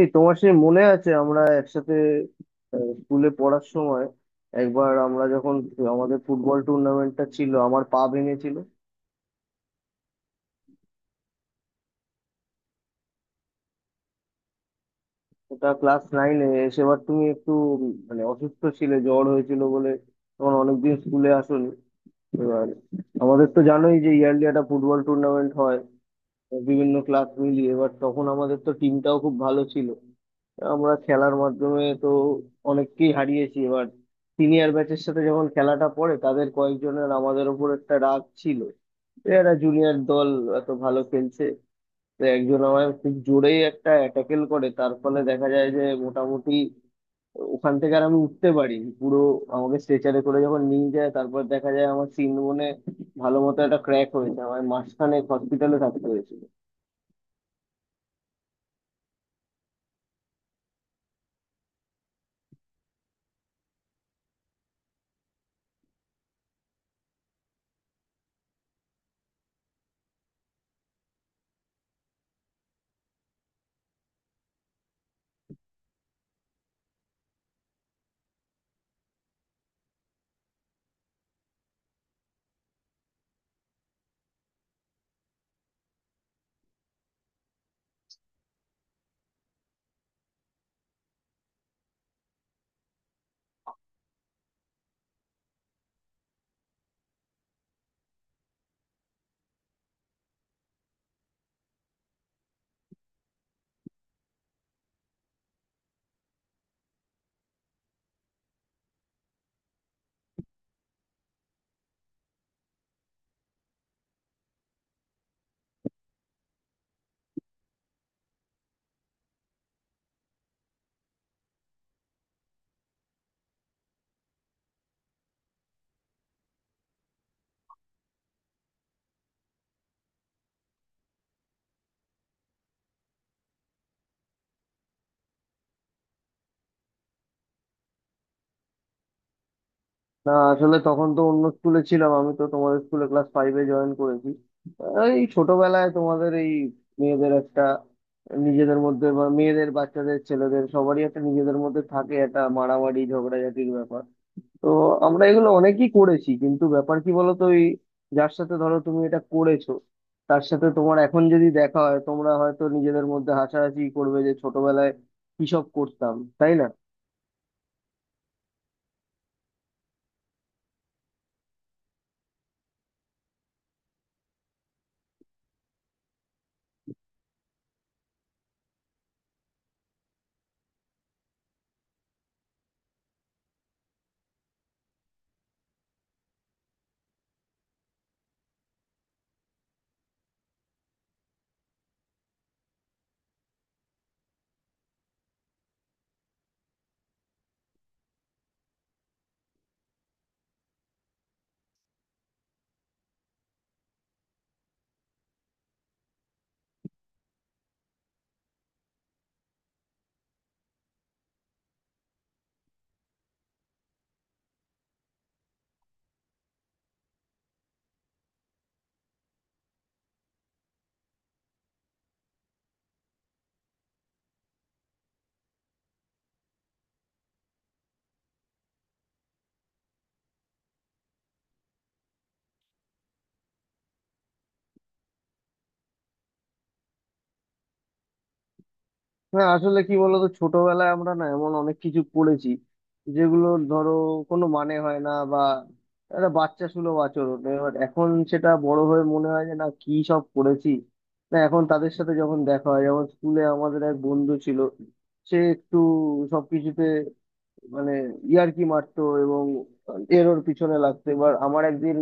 এই তোমার সে মনে আছে আমরা একসাথে স্কুলে পড়ার সময় একবার আমরা যখন আমাদের ফুটবল টুর্নামেন্টটা ছিল, আমার পা ভেঙেছিল। ওটা ক্লাস নাইনে। সেবার তুমি একটু মানে অসুস্থ ছিলে, জ্বর হয়েছিল বলে তখন অনেকদিন স্কুলে আসোনি। এবার আমাদের তো জানোই যে ইয়ারলি একটা ফুটবল টুর্নামেন্ট হয় বিভিন্ন ক্লাস মিলিয়ে। এবার তখন আমাদের তো টিমটাও খুব ভালো ছিল, আমরা খেলার মাধ্যমে তো অনেককেই হারিয়েছি। এবার সিনিয়র ব্যাচের সাথে যখন খেলাটা পড়ে, তাদের কয়েকজনের আমাদের ওপর একটা রাগ ছিল, এরা জুনিয়র দল এত ভালো খেলছে। তো একজন আমায় খুব জোরেই একটা ট্যাকেল করে, তার ফলে দেখা যায় যে মোটামুটি ওখান থেকে আর আমি উঠতে পারিনি পুরো। আমাকে স্ট্রেচারে করে যখন নিয়ে যায়, তারপর দেখা যায় আমার সিন বোনে ভালো মতো একটা ক্র্যাক হয়েছে। আমার মাসখানেক হসপিটালে থাকতে হয়েছে। না, আসলে তখন তো অন্য স্কুলে ছিলাম, আমি তো তোমাদের স্কুলে ক্লাস ফাইভে জয়েন করেছি। এই ছোটবেলায় তোমাদের এই মেয়েদের একটা নিজেদের মধ্যে বা মেয়েদের, বাচ্চাদের, ছেলেদের সবারই একটা নিজেদের মধ্যে থাকে একটা মারামারি ঝগড়াঝাটির ব্যাপার। তো আমরা এগুলো অনেকই করেছি, কিন্তু ব্যাপার কি বলতো, ওই যার সাথে ধরো তুমি এটা করেছো, তার সাথে তোমার এখন যদি দেখা হয়, তোমরা হয়তো নিজেদের মধ্যে হাসাহাসি করবে যে ছোটবেলায় কি সব করতাম, তাই না? না, আসলে কি বলতো, ছোটবেলায় আমরা না এমন অনেক কিছু পড়েছি যেগুলো ধরো কোনো মানে হয় না, বা একটা বাচ্চা সুলভ আচরণ। এবার এখন সেটা বড় হয়ে মনে হয় যে না, কি সব পড়েছি। না, এখন তাদের সাথে যখন দেখা হয়, যেমন স্কুলে আমাদের এক বন্ধু ছিল, সে একটু সবকিছুতে মানে ইয়ার্কি মারতো এবং এর ওর পিছনে লাগতো। এবার আমার একদিন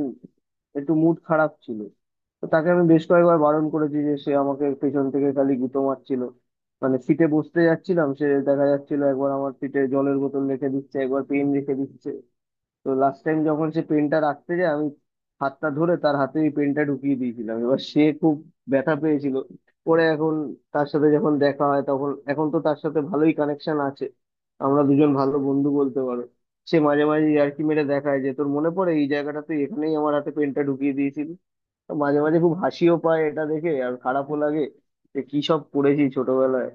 একটু মুড খারাপ ছিল, তো তাকে আমি বেশ কয়েকবার বারণ করেছি যে সে আমাকে পেছন থেকে খালি গুঁতো মারছিল। মানে সিটে বসতে যাচ্ছিলাম, সে দেখা যাচ্ছিল একবার আমার সিটে জলের বোতল রেখে দিচ্ছে, একবার পেন রেখে দিচ্ছে। তো লাস্ট টাইম যখন সে পেনটা রাখতে যায়, আমি হাতটা ধরে তার হাতে ওই পেনটা ঢুকিয়ে দিয়েছিলাম। এবার সে খুব ব্যথা পেয়েছিল। পরে এখন তার সাথে যখন দেখা হয়, তখন এখন তো তার সাথে ভালোই কানেকশন আছে, আমরা দুজন ভালো বন্ধু বলতে পারো। সে মাঝে মাঝে ইয়ার্কি মেরে দেখায় যে তোর মনে পড়ে এই জায়গাটা, তুই এখানেই আমার হাতে পেনটা ঢুকিয়ে দিয়েছিলি। তো মাঝে মাঝে খুব হাসিও পায় এটা দেখে, আর খারাপও লাগে যে কি সব করেছি ছোটবেলায়।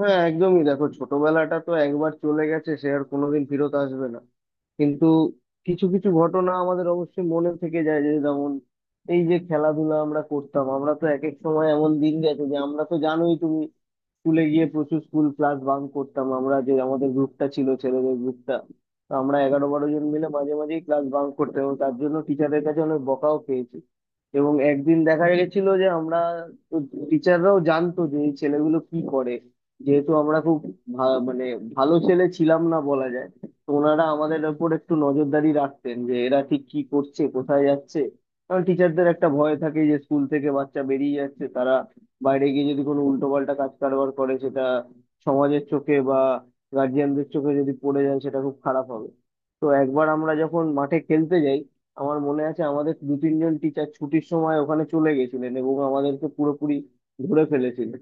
হ্যাঁ, একদমই। দেখো, ছোটবেলাটা তো একবার চলে গেছে, সে আর কোনোদিন ফেরত আসবে না। কিন্তু কিছু কিছু ঘটনা আমাদের অবশ্যই মনে থেকে যায়, যে যেমন এই যে খেলাধুলা আমরা করতাম, আমরা তো এক এক সময় এমন দিন গেছে যে আমরা তো জানোই তুমি, স্কুলে গিয়ে প্রচুর স্কুল ক্লাস বাঙ্ক করতাম আমরা। যে আমাদের গ্রুপটা ছিল ছেলেদের গ্রুপটা, তো আমরা 11-12 জন মিলে মাঝে মাঝেই ক্লাস বাঙ্ক করতাম এবং তার জন্য টিচারদের কাছে অনেক বকাও পেয়েছি। এবং একদিন দেখা গেছিল যে আমরা, টিচাররাও জানতো যে এই ছেলেগুলো কি করে, যেহেতু আমরা খুব মানে ভালো ছেলে ছিলাম না বলা যায়। তো ওনারা আমাদের ওপর একটু নজরদারি রাখতেন যে এরা ঠিক কি করছে, কোথায় যাচ্ছে। কারণ টিচারদের একটা ভয় থাকে যে স্কুল থেকে বাচ্চা বেরিয়ে যাচ্ছে, তারা বাইরে গিয়ে যদি কোনো উল্টোপাল্টা কাজ কারবার করে, সেটা সমাজের চোখে বা গার্জিয়ানদের চোখে যদি পড়ে যায়, সেটা খুব খারাপ হবে। তো একবার আমরা যখন মাঠে খেলতে যাই, আমার মনে আছে আমাদের দু তিনজন টিচার ছুটির সময় ওখানে চলে গেছিলেন এবং আমাদেরকে পুরোপুরি ধরে ফেলেছিলেন।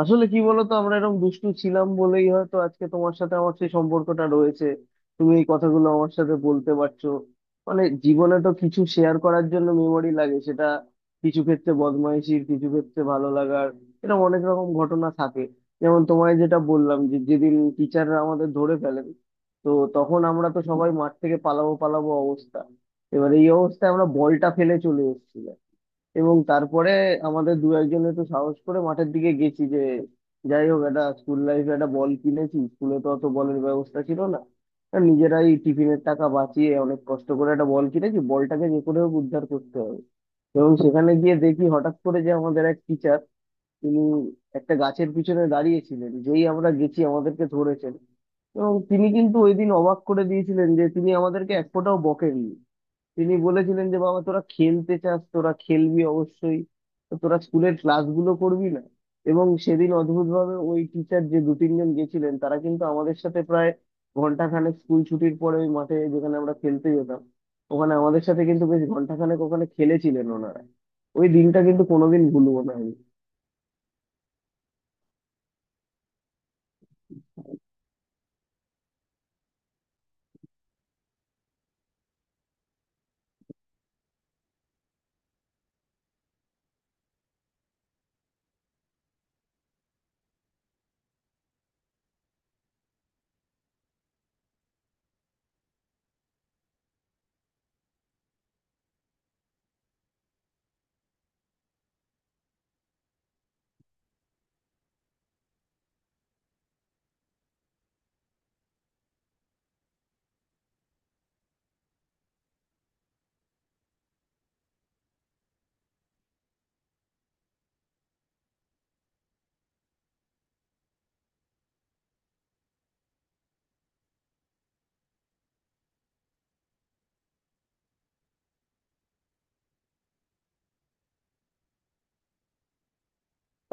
আসলে কি বলতো, আমরা এরকম দুষ্টু ছিলাম বলেই হয়তো আজকে তোমার সাথে আমার সেই সম্পর্কটা রয়েছে, তুমি এই কথাগুলো আমার সাথে বলতে পারছো। মানে জীবনে তো কিছু শেয়ার করার জন্য মেমোরি লাগে, সেটা কিছু ক্ষেত্রে বদমাইশির, কিছু ক্ষেত্রে ভালো লাগার। এরকম অনেক রকম ঘটনা থাকে। যেমন তোমায় যেটা বললাম যে যেদিন টিচাররা আমাদের ধরে ফেলেন, তো তখন আমরা তো সবাই মাঠ থেকে পালাবো পালাবো অবস্থা। এবার এই অবস্থায় আমরা বলটা ফেলে চলে এসেছিলাম। এবং তারপরে আমাদের দু একজন একটু সাহস করে মাঠের দিকে গেছি যে যাই হোক, একটা স্কুল লাইফে একটা বল কিনেছি, স্কুলে তো অত বলের ব্যবস্থা ছিল না, তা নিজেরাই টিফিনের টাকা বাঁচিয়ে অনেক কষ্ট করে একটা বল কিনেছি, বলটাকে যে করে হোক উদ্ধার করতে হবে। এবং সেখানে গিয়ে দেখি হঠাৎ করে যে আমাদের এক টিচার, তিনি একটা গাছের পিছনে দাঁড়িয়েছিলেন, যেই আমরা গেছি আমাদেরকে ধরেছেন। এবং তিনি কিন্তু ওই দিন অবাক করে দিয়েছিলেন যে তিনি আমাদেরকে এক ফোঁটাও বকেননি। তিনি বলেছিলেন যে বাবা, তোরা খেলতে চাস, তোরা খেলবি অবশ্যই, তো তোরা স্কুলের ক্লাসগুলো করবি না? এবং সেদিন অদ্ভুতভাবে ওই টিচার, যে দু তিনজন গেছিলেন, তারা কিন্তু আমাদের সাথে প্রায় ঘন্টাখানেক স্কুল ছুটির পরে ওই মাঠে, যেখানে আমরা খেলতে যেতাম, ওখানে আমাদের সাথে কিন্তু বেশ ঘন্টাখানেক ওখানে খেলেছিলেন ওনারা। ওই দিনটা কিন্তু কোনোদিন ভুলবো না আমি।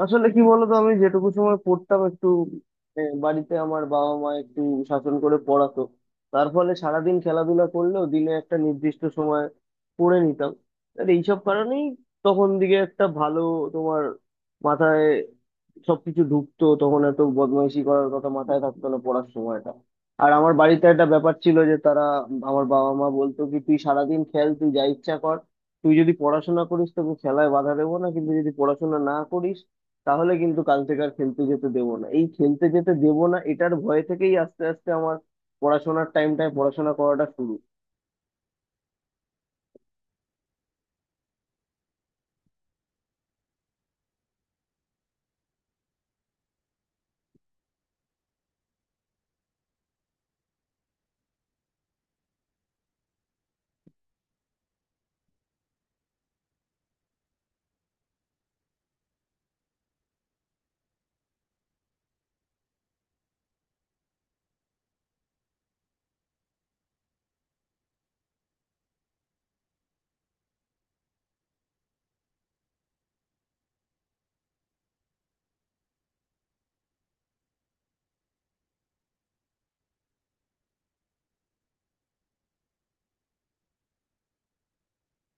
আসলে কি বলতো, আমি যেটুকু সময় পড়তাম একটু, বাড়িতে আমার বাবা মা একটু শাসন করে পড়াতো। তার ফলে সারাদিন খেলাধুলা করলেও দিনে একটা নির্দিষ্ট সময় পড়ে নিতাম। আর এইসব কারণেই তখন দিকে একটা ভালো, তোমার মাথায় সবকিছু ঢুকতো, তখন এত বদমাইশি করার কথা মাথায় থাকতো না পড়ার সময়টা। আর আমার বাড়িতে একটা ব্যাপার ছিল যে তারা, আমার বাবা মা বলতো কি, তুই সারাদিন খেল, তুই যা ইচ্ছা কর, তুই যদি পড়াশোনা করিস তোকে খেলায় বাধা দেবো না, কিন্তু যদি পড়াশোনা না করিস, তাহলে কিন্তু কাল থেকে আর খেলতে যেতে দেবো না। এই খেলতে যেতে দেবো না, এটার ভয় থেকেই আস্তে আস্তে আমার পড়াশোনার টাইমটায় পড়াশোনা করাটা শুরু।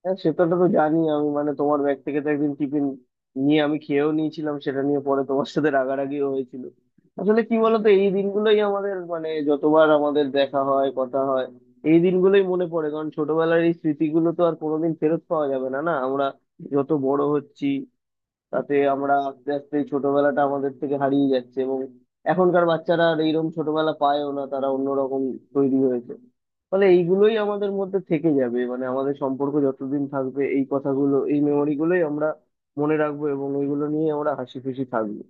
হ্যাঁ, সেটাটা তো জানি আমি, মানে তোমার ব্যাগ থেকে তো একদিন টিফিন নিয়ে আমি খেয়েও নিয়েছিলাম, সেটা নিয়ে পরে তোমার সাথে রাগারাগিও হয়েছিল। আসলে কি বলতো, এই দিনগুলোই আমাদের, মানে যতবার আমাদের দেখা হয়, কথা হয়, এই দিনগুলোই মনে পড়ে। কারণ ছোটবেলার এই স্মৃতিগুলো তো আর কোনোদিন ফেরত পাওয়া যাবে না। না, আমরা যত বড় হচ্ছি, তাতে আমরা আস্তে আস্তে এই ছোটবেলাটা আমাদের থেকে হারিয়ে যাচ্ছে এবং এখনকার বাচ্চারা আর এইরকম ছোটবেলা পায়ও না, তারা অন্যরকম তৈরি হয়েছে। ফলে এইগুলোই আমাদের মধ্যে থেকে যাবে, মানে আমাদের সম্পর্ক যতদিন থাকবে এই কথাগুলো, এই মেমোরি গুলোই আমরা মনে রাখবো এবং ওইগুলো নিয়ে আমরা হাসি খুশি থাকবো।